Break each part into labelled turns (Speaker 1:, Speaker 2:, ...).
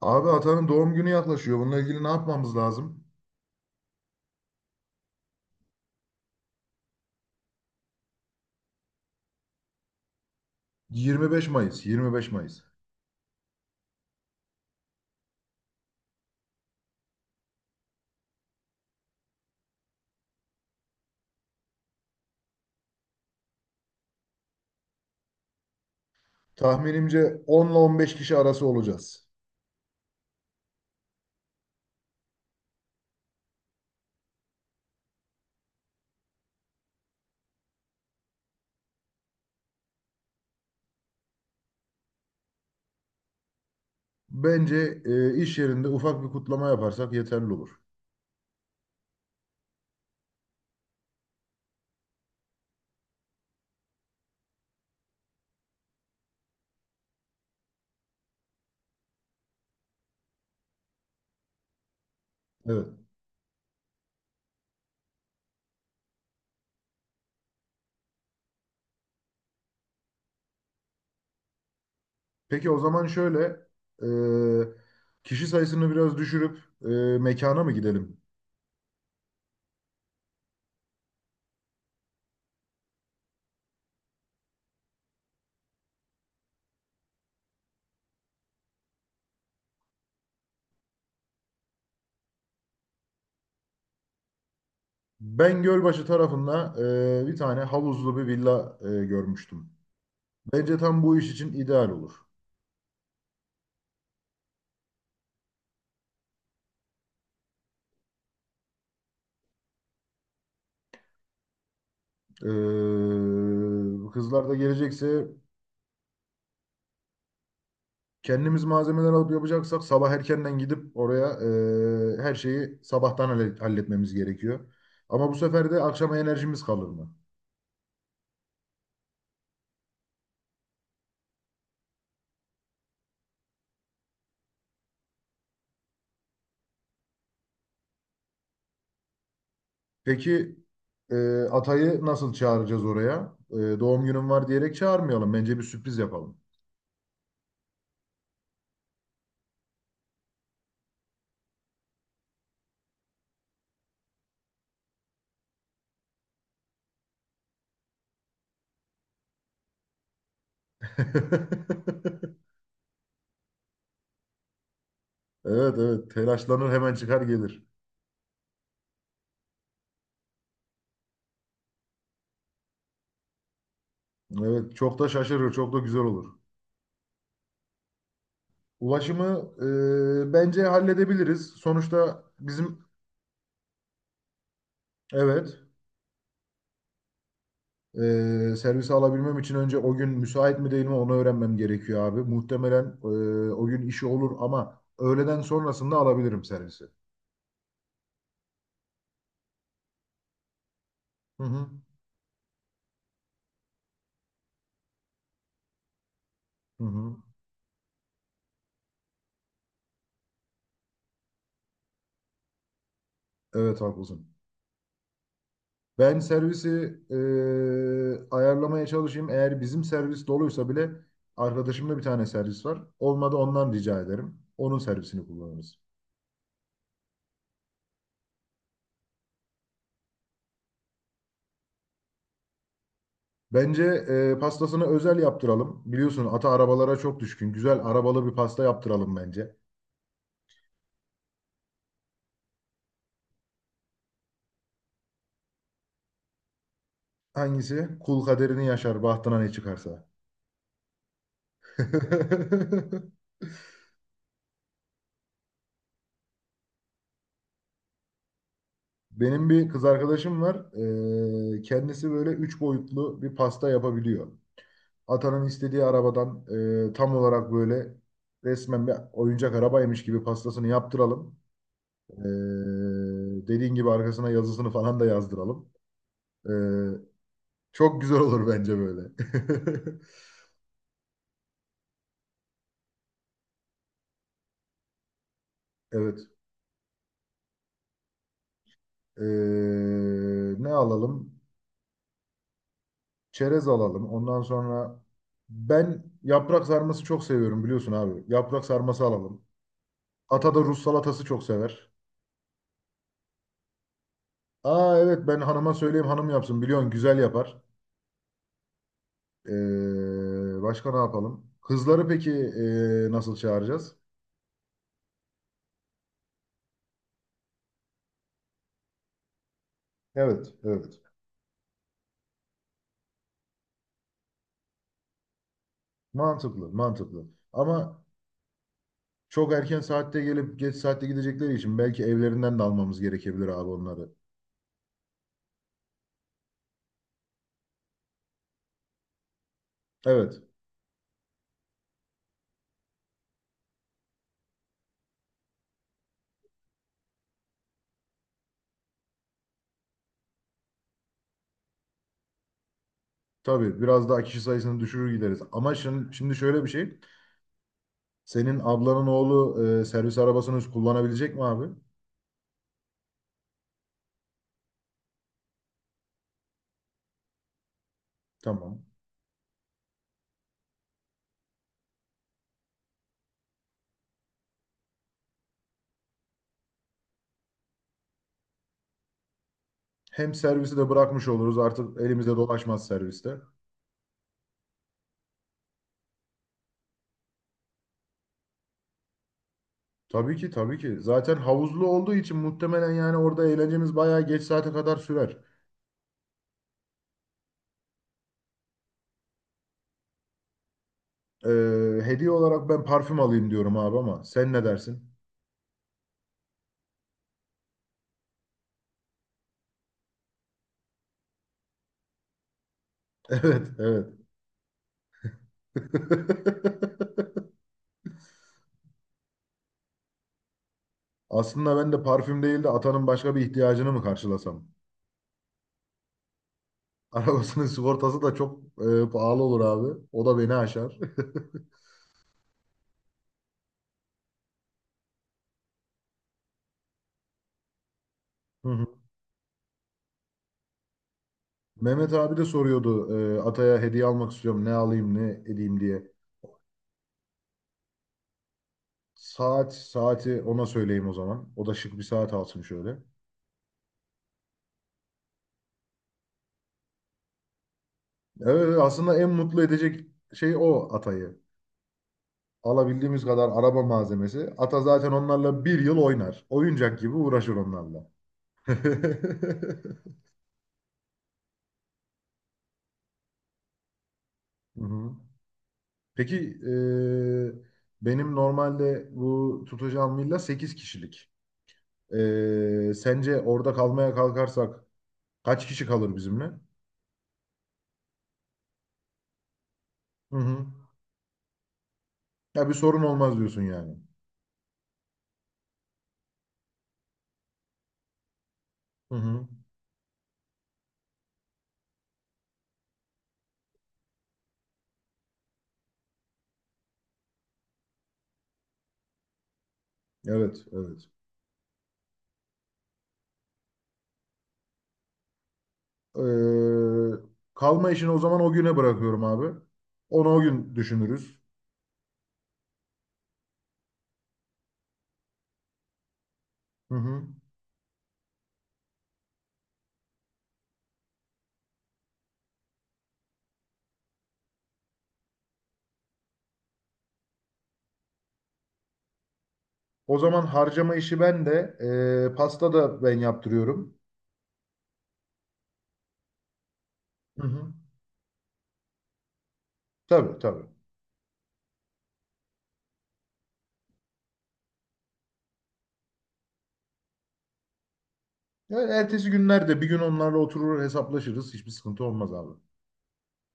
Speaker 1: Abi Atan'ın doğum günü yaklaşıyor. Bununla ilgili ne yapmamız lazım? 25 Mayıs, 25 Mayıs. Tahminimce 10 ile 15 kişi arası olacağız. Bence iş yerinde ufak bir kutlama yaparsak yeterli olur. Evet. Peki o zaman şöyle, e, kişi sayısını biraz düşürüp mekana mı gidelim? Ben Gölbaşı tarafında bir tane havuzlu bir villa görmüştüm. Bence tam bu iş için ideal olur. Kızlar da gelecekse kendimiz malzemeler alıp yapacaksak sabah erkenden gidip oraya her şeyi sabahtan halletmemiz gerekiyor. Ama bu sefer de akşama enerjimiz kalır mı? Peki e, Atay'ı nasıl çağıracağız oraya? Doğum günüm var diyerek çağırmayalım. Bence bir sürpriz yapalım. Evet evet, telaşlanır hemen çıkar gelir. Evet, çok da şaşırır çok da güzel olur. Ulaşımı bence halledebiliriz. Sonuçta bizim evet servise alabilmem için önce o gün müsait mi değil mi onu öğrenmem gerekiyor abi. Muhtemelen o gün işi olur ama öğleden sonrasında alabilirim servisi. Hı hı. Hı hı. Evet haklısın. Ben servisi ayarlamaya çalışayım. Eğer bizim servis doluysa bile arkadaşımda bir tane servis var. Olmadı ondan rica ederim. Onun servisini kullanırız. Bence pastasını özel yaptıralım. Biliyorsun ata arabalara çok düşkün. Güzel arabalı bir pasta yaptıralım bence. Hangisi? Kul kaderini yaşar, bahtına ne çıkarsa. Benim bir kız arkadaşım var. Kendisi böyle üç boyutlu bir pasta yapabiliyor. Atanın istediği arabadan tam olarak böyle resmen bir oyuncak arabaymış gibi pastasını yaptıralım. Dediğin gibi arkasına yazısını falan da yazdıralım. Ee, çok güzel olur bence böyle. Evet. Ne alalım? Çerez alalım. Ondan sonra ben yaprak sarması çok seviyorum biliyorsun abi. Yaprak sarması alalım. Ata da Rus salatası çok sever. Aa evet, ben hanıma söyleyeyim hanım yapsın. Biliyorsun güzel yapar. Başka ne yapalım? Kızları peki nasıl çağıracağız? Evet, evet. Mantıklı, mantıklı. Ama çok erken saatte gelip geç saatte gidecekleri için belki evlerinden de almamız gerekebilir abi onları. Evet, tabii biraz daha kişi sayısını düşürür gideriz. Ama şimdi şöyle bir şey. Senin ablanın oğlu servis arabasını kullanabilecek mi abi? Tamam. Hem servisi de bırakmış oluruz, artık elimizde dolaşmaz serviste. Tabii ki tabii ki. Zaten havuzlu olduğu için muhtemelen yani orada eğlencemiz bayağı geç saate kadar sürer. Hediye olarak ben parfüm alayım diyorum abi ama sen ne dersin? Evet evet. Aslında ben de parfüm değil de atanın başka bir ihtiyacını mı karşılasam? Arabasının sigortası da çok pahalı olur abi. O da beni aşar. Hı hı. Mehmet abi de soruyordu, Atay'a hediye almak istiyorum ne alayım ne edeyim diye. Saat, saati ona söyleyeyim o zaman. O da şık bir saat alsın şöyle. Evet evet, aslında en mutlu edecek şey o Atay'ı. Alabildiğimiz kadar araba malzemesi. Ata zaten onlarla bir yıl oynar. Oyuncak gibi uğraşır onlarla. Hı hı. Peki eee, benim normalde bu tutacağım villa 8 kişilik. Sence orada kalmaya kalkarsak kaç kişi kalır bizimle? Hı hı. Ya bir sorun olmaz diyorsun yani. Hı hı. Evet, evet. Ee, kalma işini o zaman o güne bırakıyorum abi. Onu o gün düşünürüz. Hı hı. O zaman harcama işi ben de pasta da ben yaptırıyorum. Hı hı. Tabii tabii. Ya ertesi günlerde bir gün onlarla oturur hesaplaşırız. Hiçbir sıkıntı olmaz abi.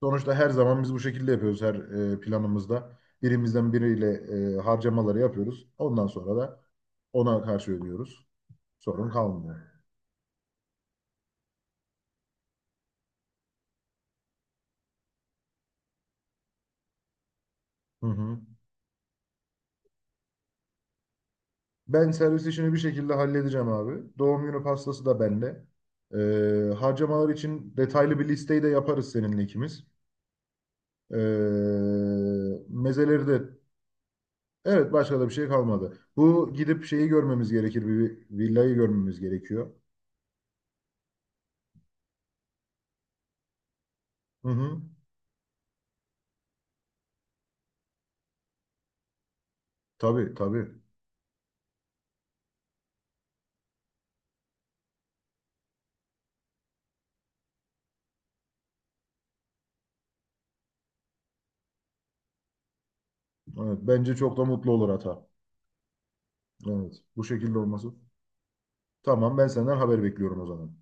Speaker 1: Sonuçta her zaman biz bu şekilde yapıyoruz her planımızda. Birimizden biriyle harcamaları yapıyoruz. Ondan sonra da ona karşı ödüyoruz. Sorun kalmıyor. Hı hı. Ben servis işini bir şekilde halledeceğim abi. Doğum günü pastası da bende. Harcamalar için detaylı bir listeyi de yaparız seninle ikimiz. Ee, mezeleri de... Evet başka da bir şey kalmadı. Bu gidip şeyi görmemiz gerekir. Bir villayı görmemiz gerekiyor. Hı hı. Tabii tabii. Evet, bence çok da mutlu olur hata. Evet bu şekilde olması. Tamam, ben senden haber bekliyorum o zaman.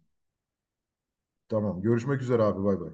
Speaker 1: Tamam, görüşmek üzere abi, bay bay.